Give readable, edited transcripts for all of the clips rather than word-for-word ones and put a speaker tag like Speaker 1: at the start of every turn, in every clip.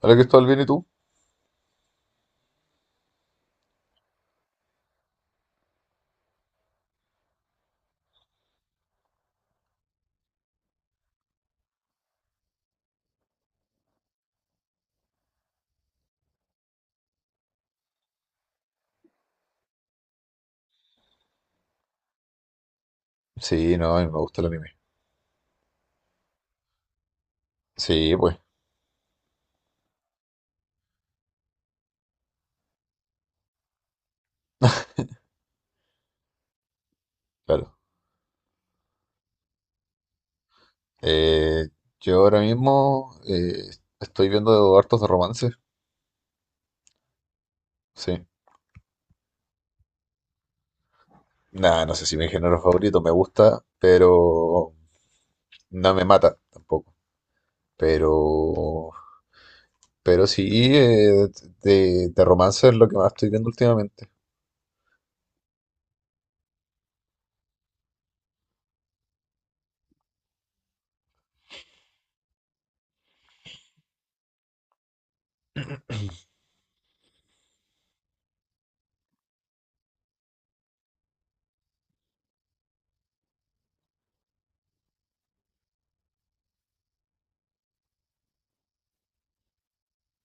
Speaker 1: Hola Cristóbal, ¿bien y tú? Sí, no, a mí me gusta el anime. Sí, pues, claro. Eh, yo ahora mismo estoy viendo hartos de romance. Sí. Nada, no sé si mi género favorito me gusta, pero no me mata tampoco. Pero, pero sí, de romance es lo que más estoy viendo últimamente.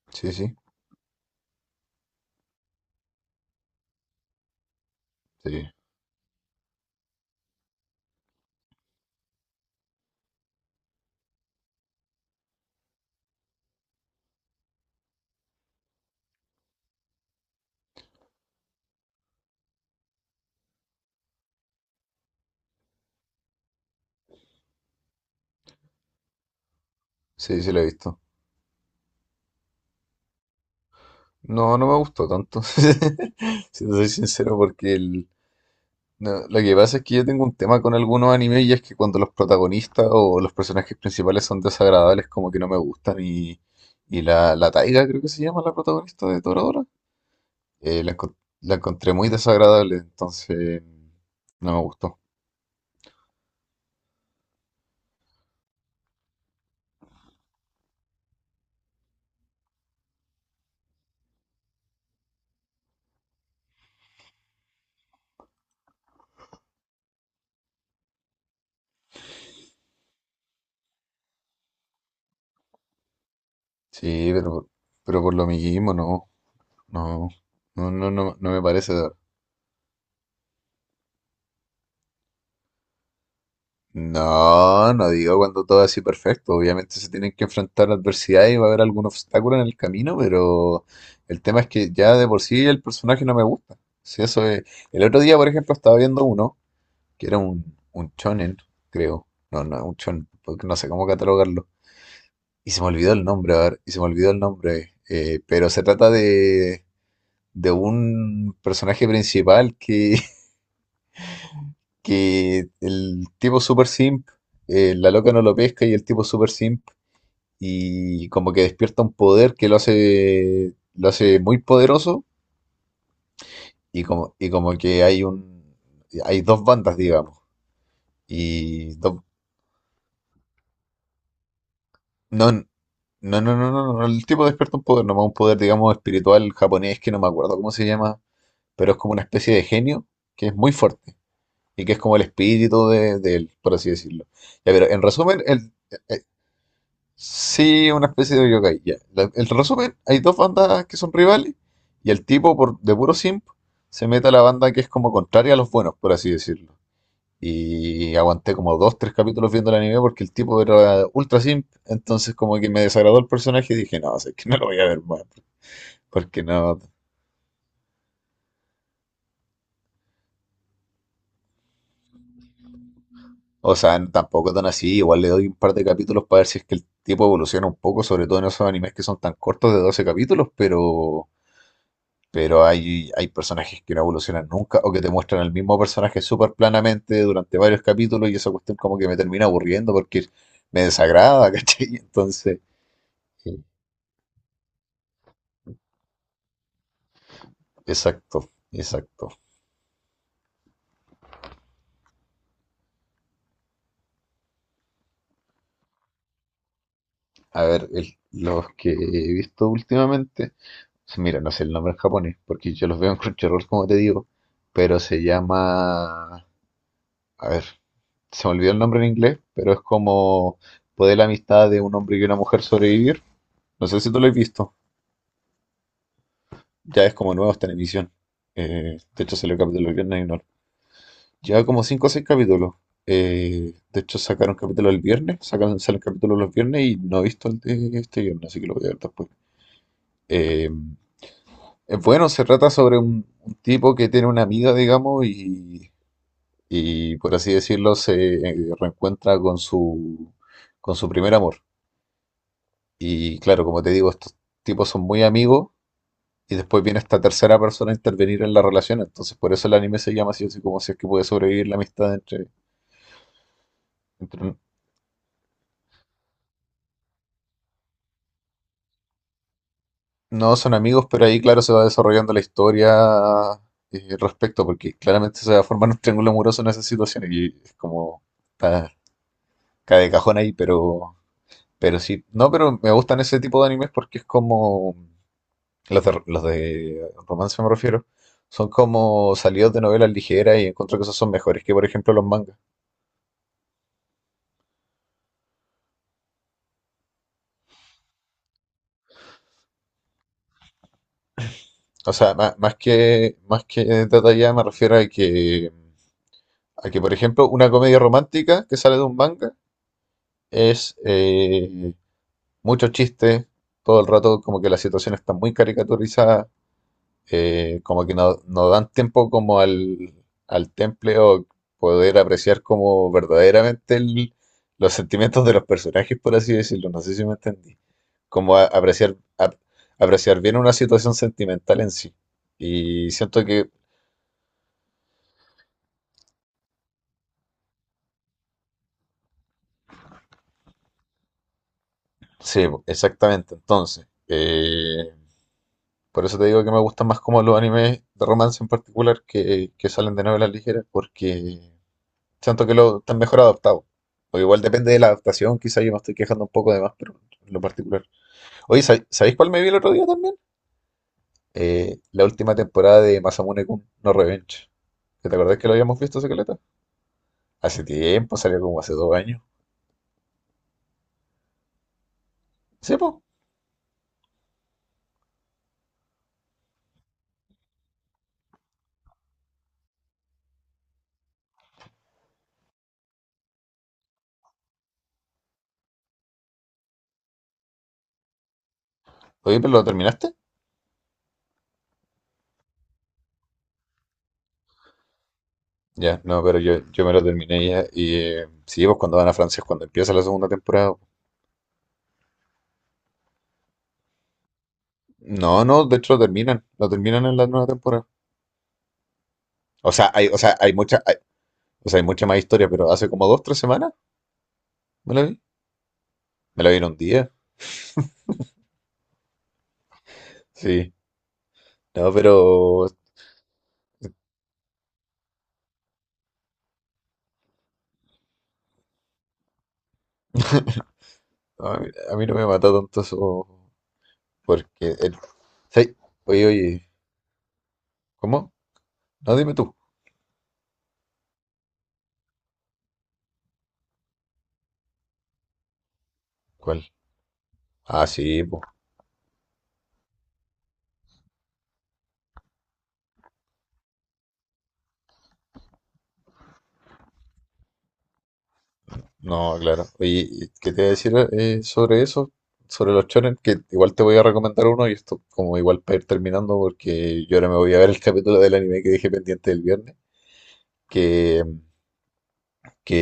Speaker 1: Sí, sí, sí, sí, lo he visto. No, no me gustó tanto, si te soy sincero, No, lo que pasa es que yo tengo un tema con algunos animes y es que cuando los protagonistas o los personajes principales son desagradables, como que no me gustan. Y la Taiga, creo que se llama la protagonista de Toradora, eh, la, encon- la encontré muy desagradable, entonces no me gustó. Sí, pero por lo mismo, no, no me parece. No, no digo cuando todo es así perfecto. Obviamente se tienen que enfrentar a adversidad y va a haber algún obstáculo en el camino, pero el tema es que ya de por sí el personaje no me gusta. Si eso es... El otro día, por ejemplo, estaba viendo uno que era un shonen, creo. No, no, un shonen, porque no sé cómo catalogarlo. Y se me olvidó el nombre, a ver, y se me olvidó el nombre. Pero se trata de un personaje principal que, que el tipo super simp, la loca no lo pesca y el tipo super simp y como que despierta un poder que lo hace muy poderoso y como que hay un, hay dos bandas, digamos, y dos- no, no, no, el tipo despierta un poder, nomás un poder, digamos, espiritual japonés que no me acuerdo cómo se llama, pero es como una especie de genio que es muy fuerte y que es como el espíritu de él, por así decirlo. Ya, pero en resumen, Sí, una especie de yokai. Ya. El resumen, hay dos bandas que son rivales y el tipo por, de puro simp se mete a la banda que es como contraria a los buenos, por así decirlo. Y aguanté como dos, tres capítulos viendo el anime porque el tipo era ultra simp, entonces como que me desagradó el personaje y dije, no, sé que no lo voy a ver más, porque no, o sea, tampoco tan así, igual le doy un par de capítulos para ver si es que el tipo evoluciona un poco, sobre todo en esos animes que son tan cortos de 12 capítulos, pero hay personajes que no evolucionan nunca o que te muestran el mismo personaje súper planamente durante varios capítulos y esa cuestión como que me termina aburriendo porque me desagrada, ¿cachai? Entonces, eh, exacto, exacto. A ver, los que he visto últimamente, mira, no sé el nombre en japonés porque yo los veo en Crunchyroll como te digo, pero se llama, a ver, se me olvidó el nombre en inglés, pero es como poder la amistad de un hombre y una mujer sobrevivir. No sé si tú lo has visto. Ya es como nuevo, está en emisión. De hecho, salió el capítulo el viernes y no. Lleva como 5 o 6 capítulos. De hecho, sacaron capítulo el viernes, sacaron, salen capítulos los viernes y no he visto el de este viernes, así que lo voy a ver después. Eh, es bueno, se trata sobre un tipo que tiene una amiga, digamos, y por así decirlo, se reencuentra con su primer amor. Y claro, como te digo, estos tipos son muy amigos. Y después viene esta tercera persona a intervenir en la relación. Entonces, por eso el anime se llama así, así como si es que puede sobrevivir la amistad entre, entre- No son amigos, pero ahí, claro, se va desarrollando la historia respecto, porque claramente se va a formar un triángulo amoroso en esas situaciones. Y es como. Está, cae de cajón ahí, pero. Pero sí. No, pero me gustan ese tipo de animes porque es como. Los de romance me refiero. Son como salidos de novelas ligeras y encuentro que esos son mejores que, por ejemplo, los mangas. O sea, más que detallada me refiero a que, por ejemplo, una comedia romántica que sale de un manga es mucho chiste, todo el rato como que la situación está muy caricaturizada, como que no, no dan tiempo como al, al temple o poder apreciar como verdaderamente los sentimientos de los personajes, por así decirlo, no sé si me entendí, como apreciar, apreciar bien una situación sentimental en sí. Y siento que sí, po, exactamente. Entonces, por eso te digo que me gustan más como los animes de romance en particular que salen de novelas ligeras, porque siento que lo están mejor adaptados. O igual depende de la adaptación, quizás yo me estoy quejando un poco de más, pero en lo particular. Oye, ¿sabéis cuál me vi el otro día también? La última temporada de Masamune-kun no Revenge. ¿Que ¿Te acordás que lo habíamos visto, hace Secreta? Hace tiempo, salió como hace 2 años. Sí, pues. Oye, pero ¿lo terminaste? Ya, no, pero yo me lo terminé ya. Y sí, pues cuando van a Francia es cuando empieza la segunda temporada. No, no, de hecho lo terminan en la nueva temporada. O sea, hay mucha, o sea, hay mucha más historia, pero hace como 2, 3 semanas me la vi. Me la vi en un día. Sí. No, pero no, a mí no me mata tanto eso. Porque el- sí, oye, oye, ¿cómo? No, dime tú. ¿Cuál? Ah, sí, pues. No, claro. Oye, y ¿qué te voy a decir sobre eso? Sobre los shonen, que igual te voy a recomendar uno y esto como igual para ir terminando porque yo ahora me voy a ver el capítulo del anime que dejé pendiente el viernes, que, que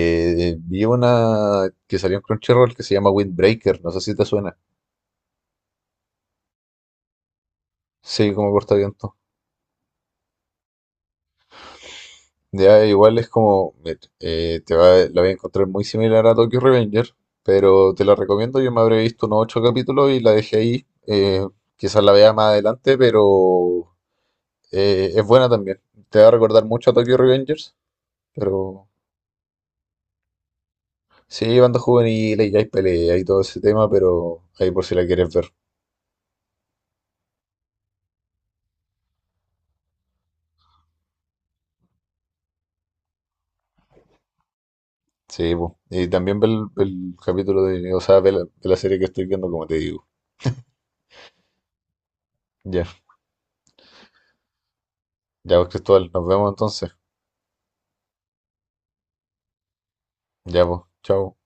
Speaker 1: vi una que salió en Crunchyroll que se llama Windbreaker, no sé si te suena. Sí, como cortaviento. Ya igual es como, mira, te va, la voy a encontrar muy similar a Tokyo Revenger, pero te la recomiendo, yo me habré visto unos 8 capítulos y la dejé ahí. Quizás la vea más adelante, pero eh, es buena también. Te va a recordar mucho a Tokyo Revengers, pero sí, banda juvenil y hay pelea y todo ese tema, pero ahí por si la quieres ver. Sí, po. Y también ve el capítulo de, o sea, ve la serie que estoy viendo, como te digo. Ya, ya, pues, Cristóbal, nos vemos entonces. Ya, pues, chao.